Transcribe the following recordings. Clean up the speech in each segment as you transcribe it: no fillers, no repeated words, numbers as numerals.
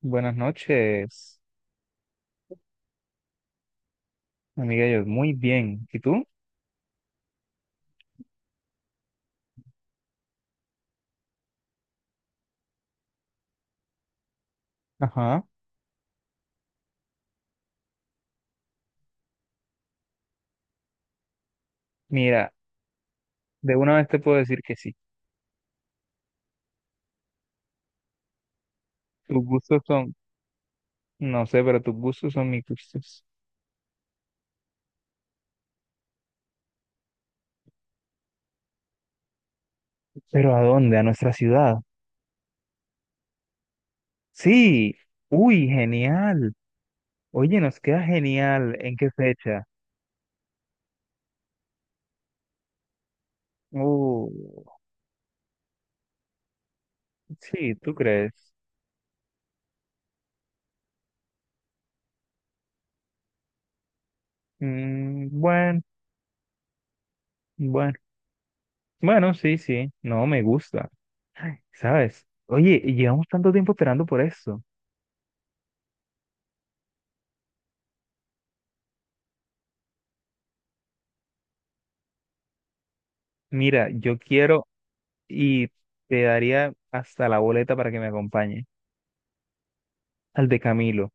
Buenas noches, amiga. Yo muy bien. ¿Y tú? Ajá. Mira, de una vez te puedo decir que sí. Tus gustos son, no sé, pero tus gustos son mis gustos. ¿Pero a dónde? ¿A nuestra ciudad? Sí. Uy, genial. Oye, nos queda genial. ¿En qué fecha? Uh, sí, ¿tú crees? Mm, bueno, bueno. Bueno, sí, sí. No, me gusta. Ay, ¿sabes? Oye, llevamos tanto tiempo esperando por esto. Mira, yo quiero y te daría hasta la boleta para que me acompañe al de Camilo,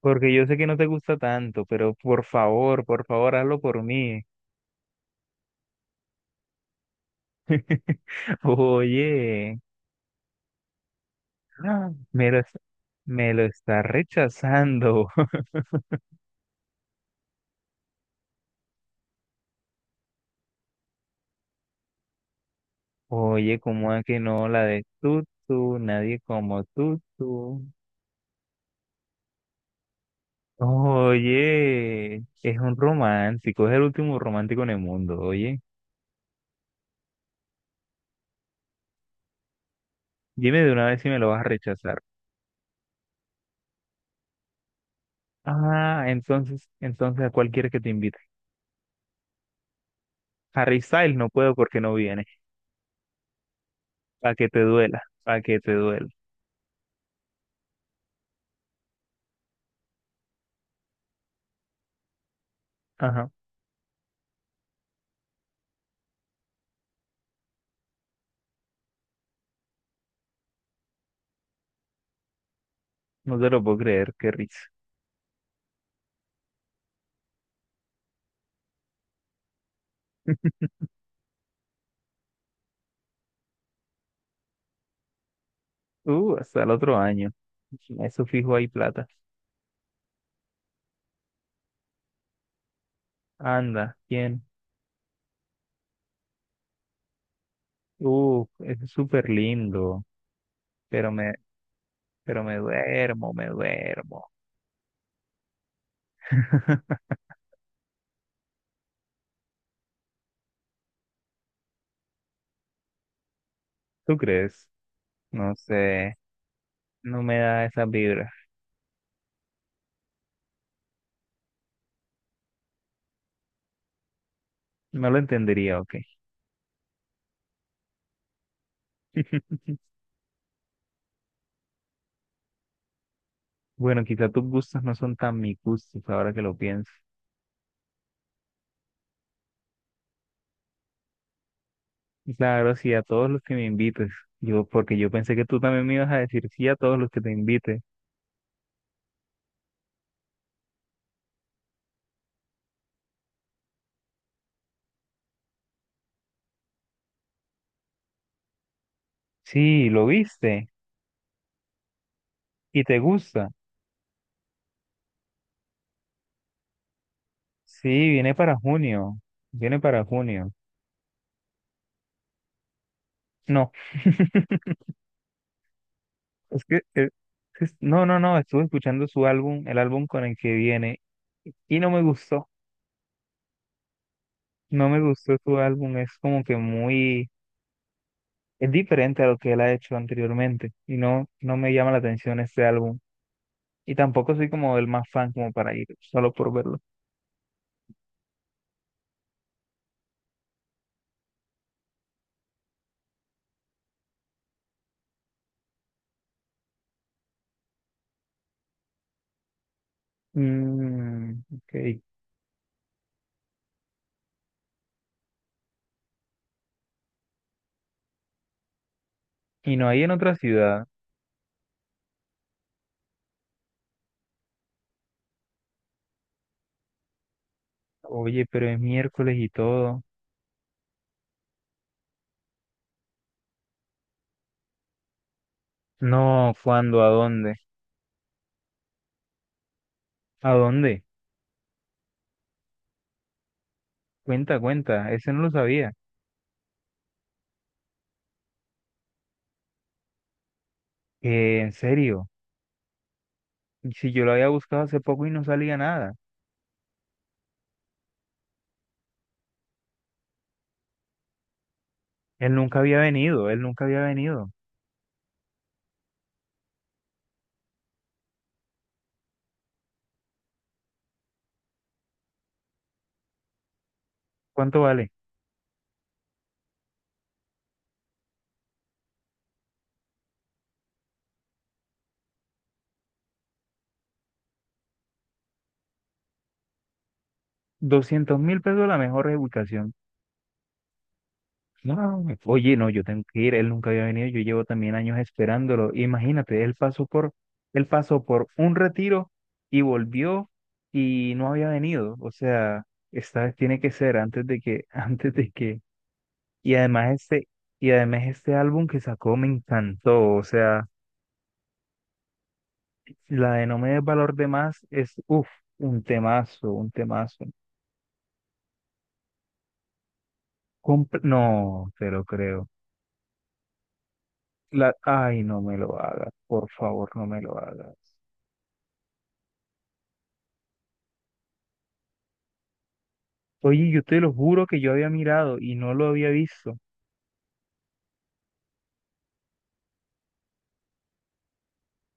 porque yo sé que no te gusta tanto, pero por favor, hazlo por mí. Oye, ah, me lo está rechazando. Oye, ¿cómo es que no la de tú, tú, nadie como tú, tú? Oye, es un romántico, es el último romántico en el mundo, oye. Dime de una vez si me lo vas a rechazar. Ah, entonces, ¿a cuál quieres que te invite? Harry Styles no puedo porque no viene. Para que te duela, para que te duela. Ajá, no te lo puedo creer, qué risa. Hasta el otro año. Eso fijo ahí plata. Anda, ¿quién? Es súper lindo, pero me, pero me duermo, me duermo. ¿Tú crees? No sé, no me da esa vibra. No lo entendería, ok. Bueno, quizá tus gustos no son tan mis gustos ahora que lo pienso. Claro, sí, a todos los que me invites. Porque yo pensé que tú también me ibas a decir sí a todos los que te invite. Sí, lo viste y te gusta. Sí, viene para junio. Viene para junio. No, es que, no, no, no, estuve escuchando su álbum, el álbum con el que viene, y no me gustó. No me gustó su álbum, es como que muy, es diferente a lo que él ha hecho anteriormente, y no, no me llama la atención este álbum. Y tampoco soy como el más fan como para ir solo por verlo. Mm, ok. Y no hay en otra ciudad. Oye, pero es miércoles y todo. No, ¿cuándo? ¿A dónde? ¿A dónde? Cuenta, cuenta. Ese no lo sabía. En serio. Si yo lo había buscado hace poco y no salía nada. Él nunca había venido, él nunca había venido. ¿Cuánto vale? $200.000 la mejor reubicación. No, oye, no, yo tengo que ir, él nunca había venido, yo llevo también años esperándolo. Imagínate, él pasó por un retiro y volvió y no había venido. O sea, esta vez tiene que ser antes de que, antes de que. Y además este, y además este álbum que sacó me encantó. O sea, la de No me des valor de más es, uff, un temazo, un temazo. No, te lo creo. Ay, no me lo hagas, por favor, no me lo hagas. Oye, yo te lo juro que yo había mirado y no lo había visto.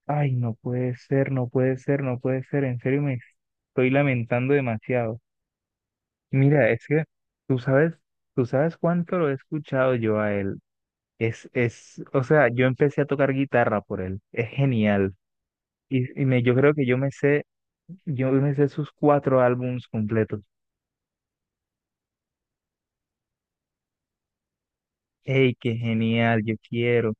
Ay, no puede ser, no puede ser, no puede ser. En serio me estoy lamentando demasiado. Mira, es que tú sabes, tú sabes cuánto lo he escuchado yo a él. O sea, yo empecé a tocar guitarra por él. Es genial. Y yo creo que yo me sé sus cuatro álbumes completos. ¡Ey, qué genial! Yo quiero.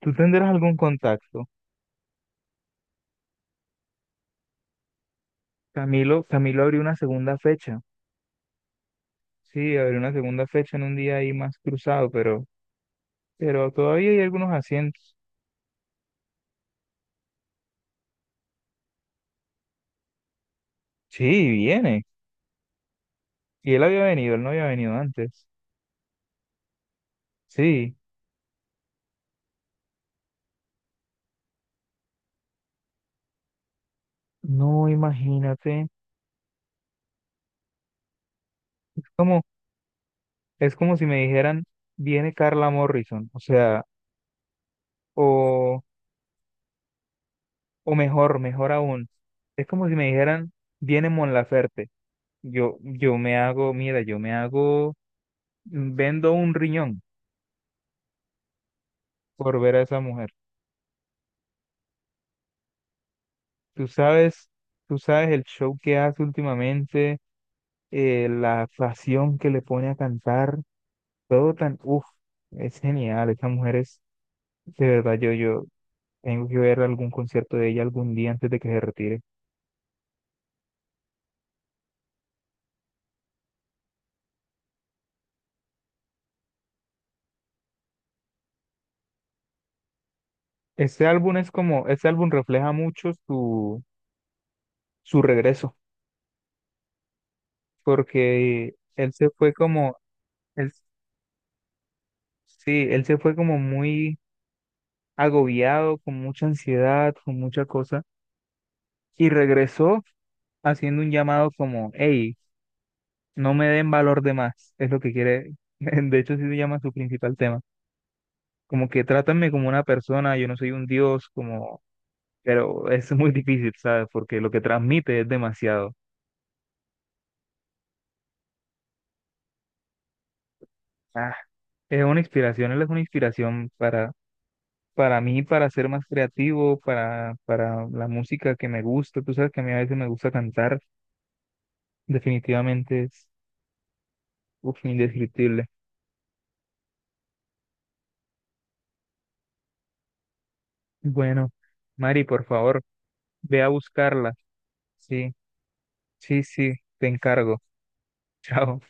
¿Tú tendrás algún contacto? Camilo abrió una segunda fecha. Sí, habrá una segunda fecha en un día ahí más cruzado, pero todavía hay algunos asientos. Sí, viene. Y él había venido, él no había venido antes. Sí, no, imagínate. Es como, es como si me dijeran, viene Carla Morrison, o sea, o, o mejor, mejor aún. Es como si me dijeran, viene Mon Laferte. Yo me hago, mira, yo me hago, vendo un riñón por ver a esa mujer. Tú sabes, tú sabes el show que hace últimamente la pasión que le pone a cantar, todo tan, uff, es genial, esa mujer es, de verdad, yo tengo que ver algún concierto de ella algún día antes de que se retire. Este álbum refleja mucho su regreso, porque él se fue como, él, sí, él se fue como muy agobiado, con mucha ansiedad, con mucha cosa, y regresó haciendo un llamado como, hey, No me den valor de más, es lo que quiere, de hecho sí se llama su principal tema. Como que trátame como una persona, yo no soy un dios, como, pero es muy difícil, ¿sabes? Porque lo que transmite es demasiado. Ah, es una inspiración, él es una inspiración para mí, para, ser más creativo, para la música que me gusta. Tú sabes que a mí a veces me gusta cantar, definitivamente es, uf, indescriptible. Bueno, Mari, por favor, ve a buscarla. Sí, sí, sí, te encargo. Chao.